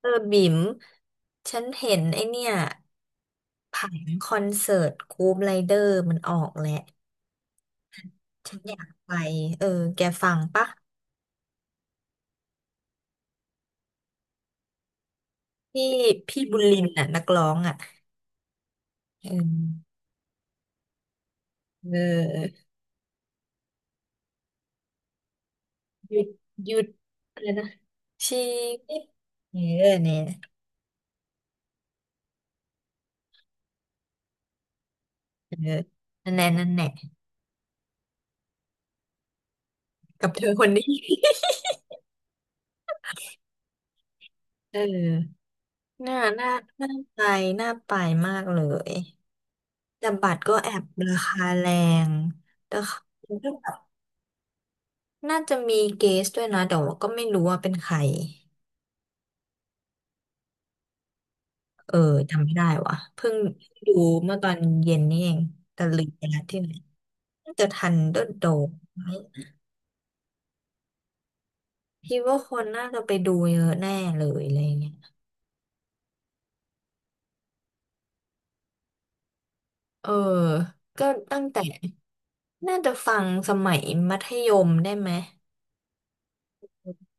เออบิ่มฉันเห็นไอเนี่ยผังคอนเสิร์ตกรู๊ปไรเดอร์มันออกแหละฉันอยากไปเออแกฟังปะพี่พี่บุญลินน่ะนักร้องอ่ะเออเออหยุดหยุดอะไรนะ ชีวิตเออเนี่ยเออนั่นแหละกับเธอคนนี้ เออน่าน่าไปน่าไปมากเลยแต่บัตรก็แอบราคาแรงแต่ น่าจะมีเกสด้วยนะแต่ว่าก็ไม่รู้ว่าเป็นใครเออจำไม่ได้ว่ะเพิ่งดูเมื่อตอนเย็นนี่เองแต่ลืมไปแล้วที่ไหนน่าจะทันเดอร์โดมไหมพี่ว่าคนน่าจะไปดูเยอะแน่เลยอะไรเงี้ยเออก็ตั้งแต่น่าจะฟังสมัยมัธยมได้ไหม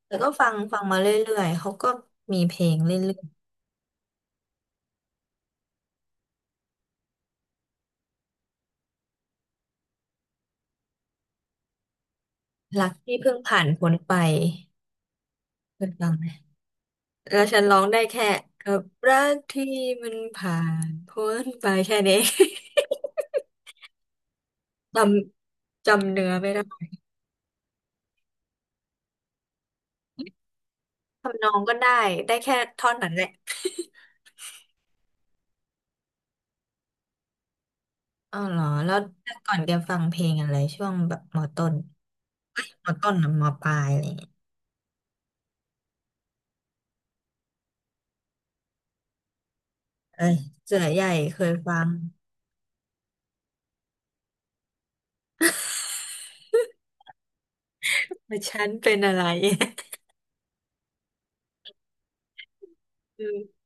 แต่ก็ฟังมาเรื่อยๆเขาก็มีเพลงเรื่อยๆรักที่เพิ่งผ่านพ้นไปเคยฟังไหม แล้วฉันร้องได้แค่กับรักที่มันผ่านพ้นไปแค่นี้ จจำเนื้อไม่ได้ทำนองก็ได้ได้แค่ท่อนนั้นแหละ อ๋อเหรอแล้วแต่ก่อนแกฟังเพลงอะไรช่วงแบบมอต้นเอ้ยมอต้นนะมอปลายอะไรเงี้ยเอ้ยเสือใหญ่เคยฟังแต่ ฉันเป็นอะไร อืม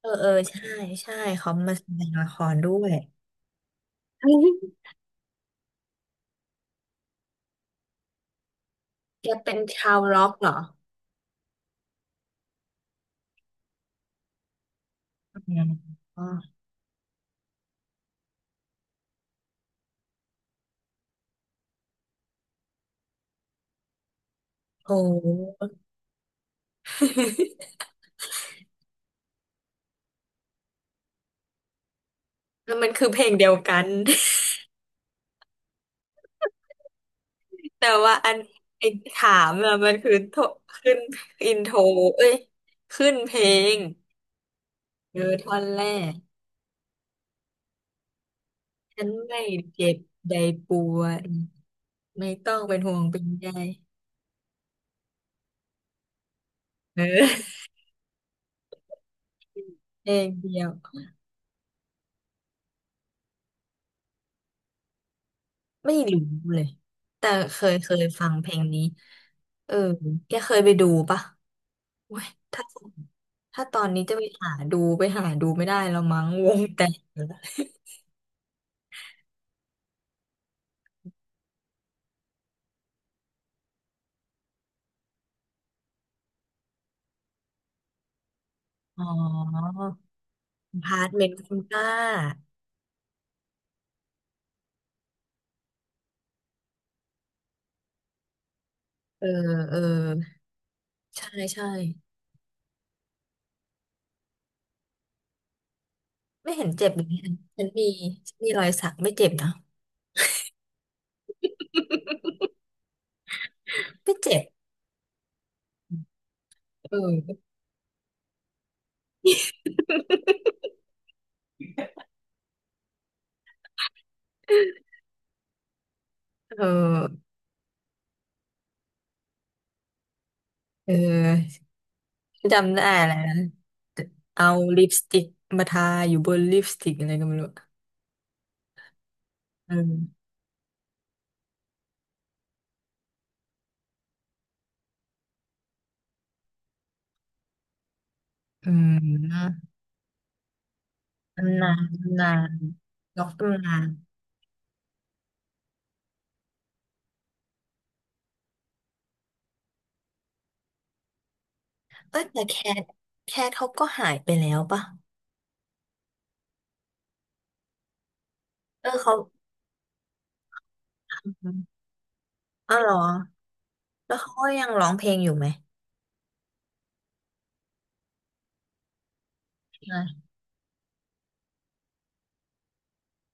เออใช่ใช่เขามาแสดงละครด้วย แกเป็นชาวร็อกเหรออืมอ๋อโอ้ แล้วมันคือเพลงเดียวกัน แต่ว่าอันไอ้ถามอะมันคือโทขึ้นอินโทรเอ้ยขึ้นเพลงเออท่อนแรกฉันไม่เจ็บใดปวดไม่ต้องเป็นห่วงเป็นใยเออเพลงเดียวไม่รู้เลยแต่เคยฟังเพลงนี้เออแกเคยไปดูปะโอ้ยถ้าถ้าตอนนี้จะไปหาดูไปหาดูไม่ได้แล้วมั้งวงแตกแล้วอ๋อ พาร์ทเมนต์คุณป้าเออเออใช่ใช่ไม่เห็นเจ็บอย่างนี้ฉันมีฉันมีรอยสักไม่เจ็บนะ ไม่เจ็บเออเออเออจำได้อะไรนะเอาลิปสติกมาทาอยู่บนลิปสติกอะไรก็ไม่รู้เอออืมตำนานล็อกตำนานเอ้ยแต่ทแคทเขาก็หายไปแล้วป่ะเออเขาอมอ้าวเหรอแล้วเขาก็ยังร้องเพลงอยู่ไหม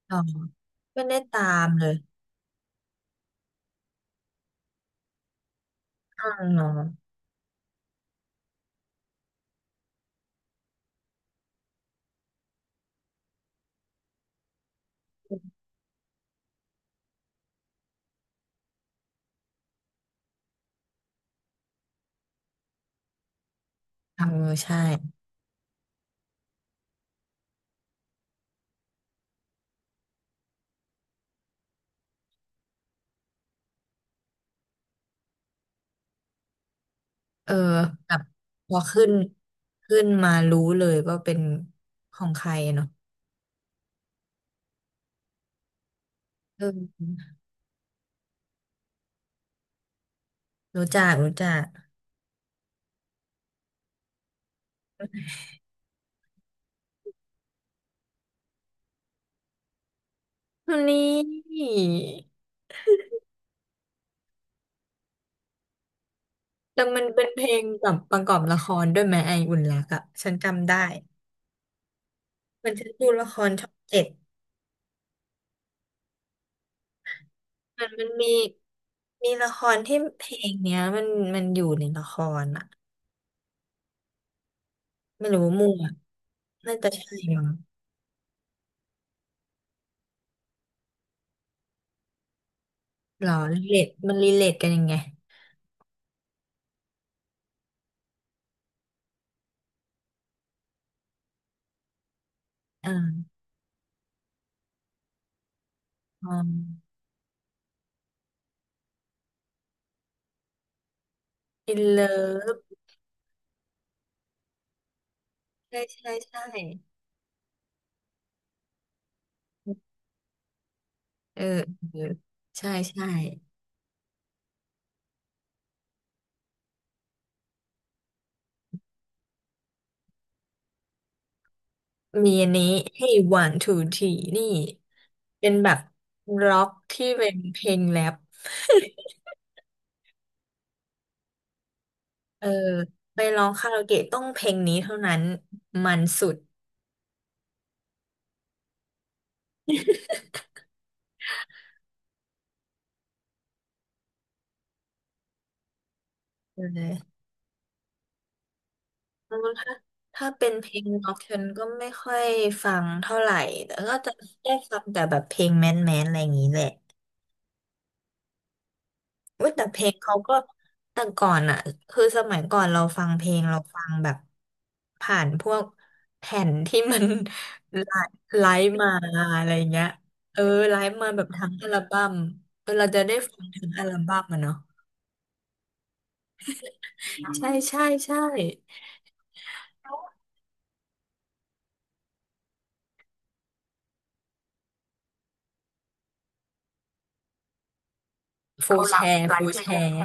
อ๋อไม่ได้ตามเลยอ๋อเหรอเออใช่เออแบบพอขึ้นมารู้เลยว่าเป็นของใครเนาะเออรู้จักรู้จักวันนี้แต่มันเป็นเพลงแบบประกอบละครด้วยไหมไออุ่นรักอะฉันจำได้ฉันดูละครช่องเจ็ดมันมันมีมีละครที่เพลงเนี้ยมันอยู่ในละครอะไม่รู้มั่วน่าจะใช่มั้ง หรอรีเลทรีเลทกันยังไงเอออืมอินเลิฟใช่ใช่ใช่เออเออใช่ใช่มีอันนี้ Hey One Two Three นี่เป็นแบบร็อกที่เป็นเพลงแรป เออไปร้องคาราโอเกะต้องเพลงนี้เท่านั้นมันสุดเลยแล้วถ้าเป็นเพลงร็อกฉันก็ไม่ค่อยฟังเท่าไหร่แต่ก็จะได้ฟังแต่แบบเพลงแมนแมนอะไรอย่างนี้แหละ อุ๊ยแต่เพลงเขาก็แต่ก่อนอ่ะคือสมัยก่อนเราฟังเพลงเราฟังแบบผ่านพวกแผ่นที่มัน ไลฟ์มาอะไรเงี้ยเออไลฟ์มาแบบทั้งอัลบั้มเออเราจะได้ฟังถึงอัลบั้มอะเนาะใช่ใช่ใช่ฟูเแชร์ลฟูแชร์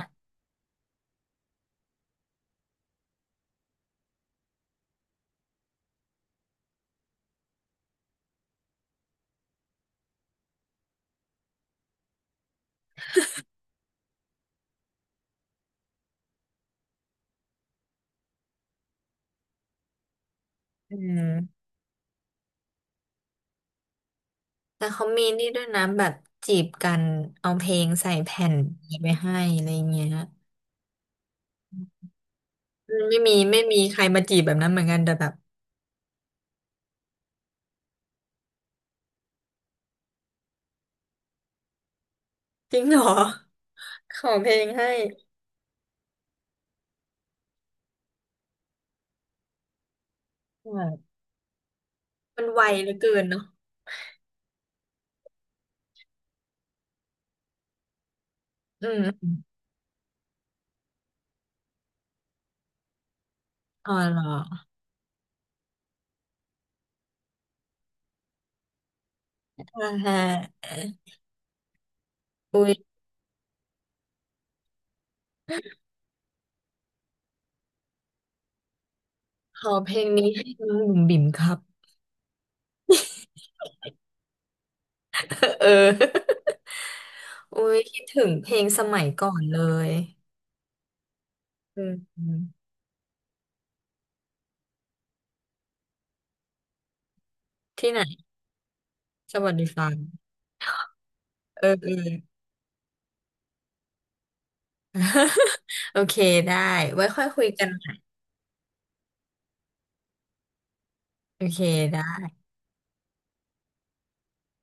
อืมแต่เขามีนี่ด้วยนะแบบจีบกันเอาเพลงใส่แผ่นไปให้อะไรเงี้ยอืมไม่มีใครมาจีบแบบนั้นเหมือนกันแต่แบบ จริงเหรอ ขอเพลงให้แบบมันไวเหลือเกินเนาะอืมอมอ๋อเหรออ่าฮะอุ้ยขอเพลงนี้ให้น้องบุ๋มบิ๋มครับ เอออุ้ยคิดถึงเพลงสมัยก่อนเลยอืมอืมที่ไหนสวัสดีฟังเออโอเคได้ไว้ค่อยคุยกันใหม่โอเคได้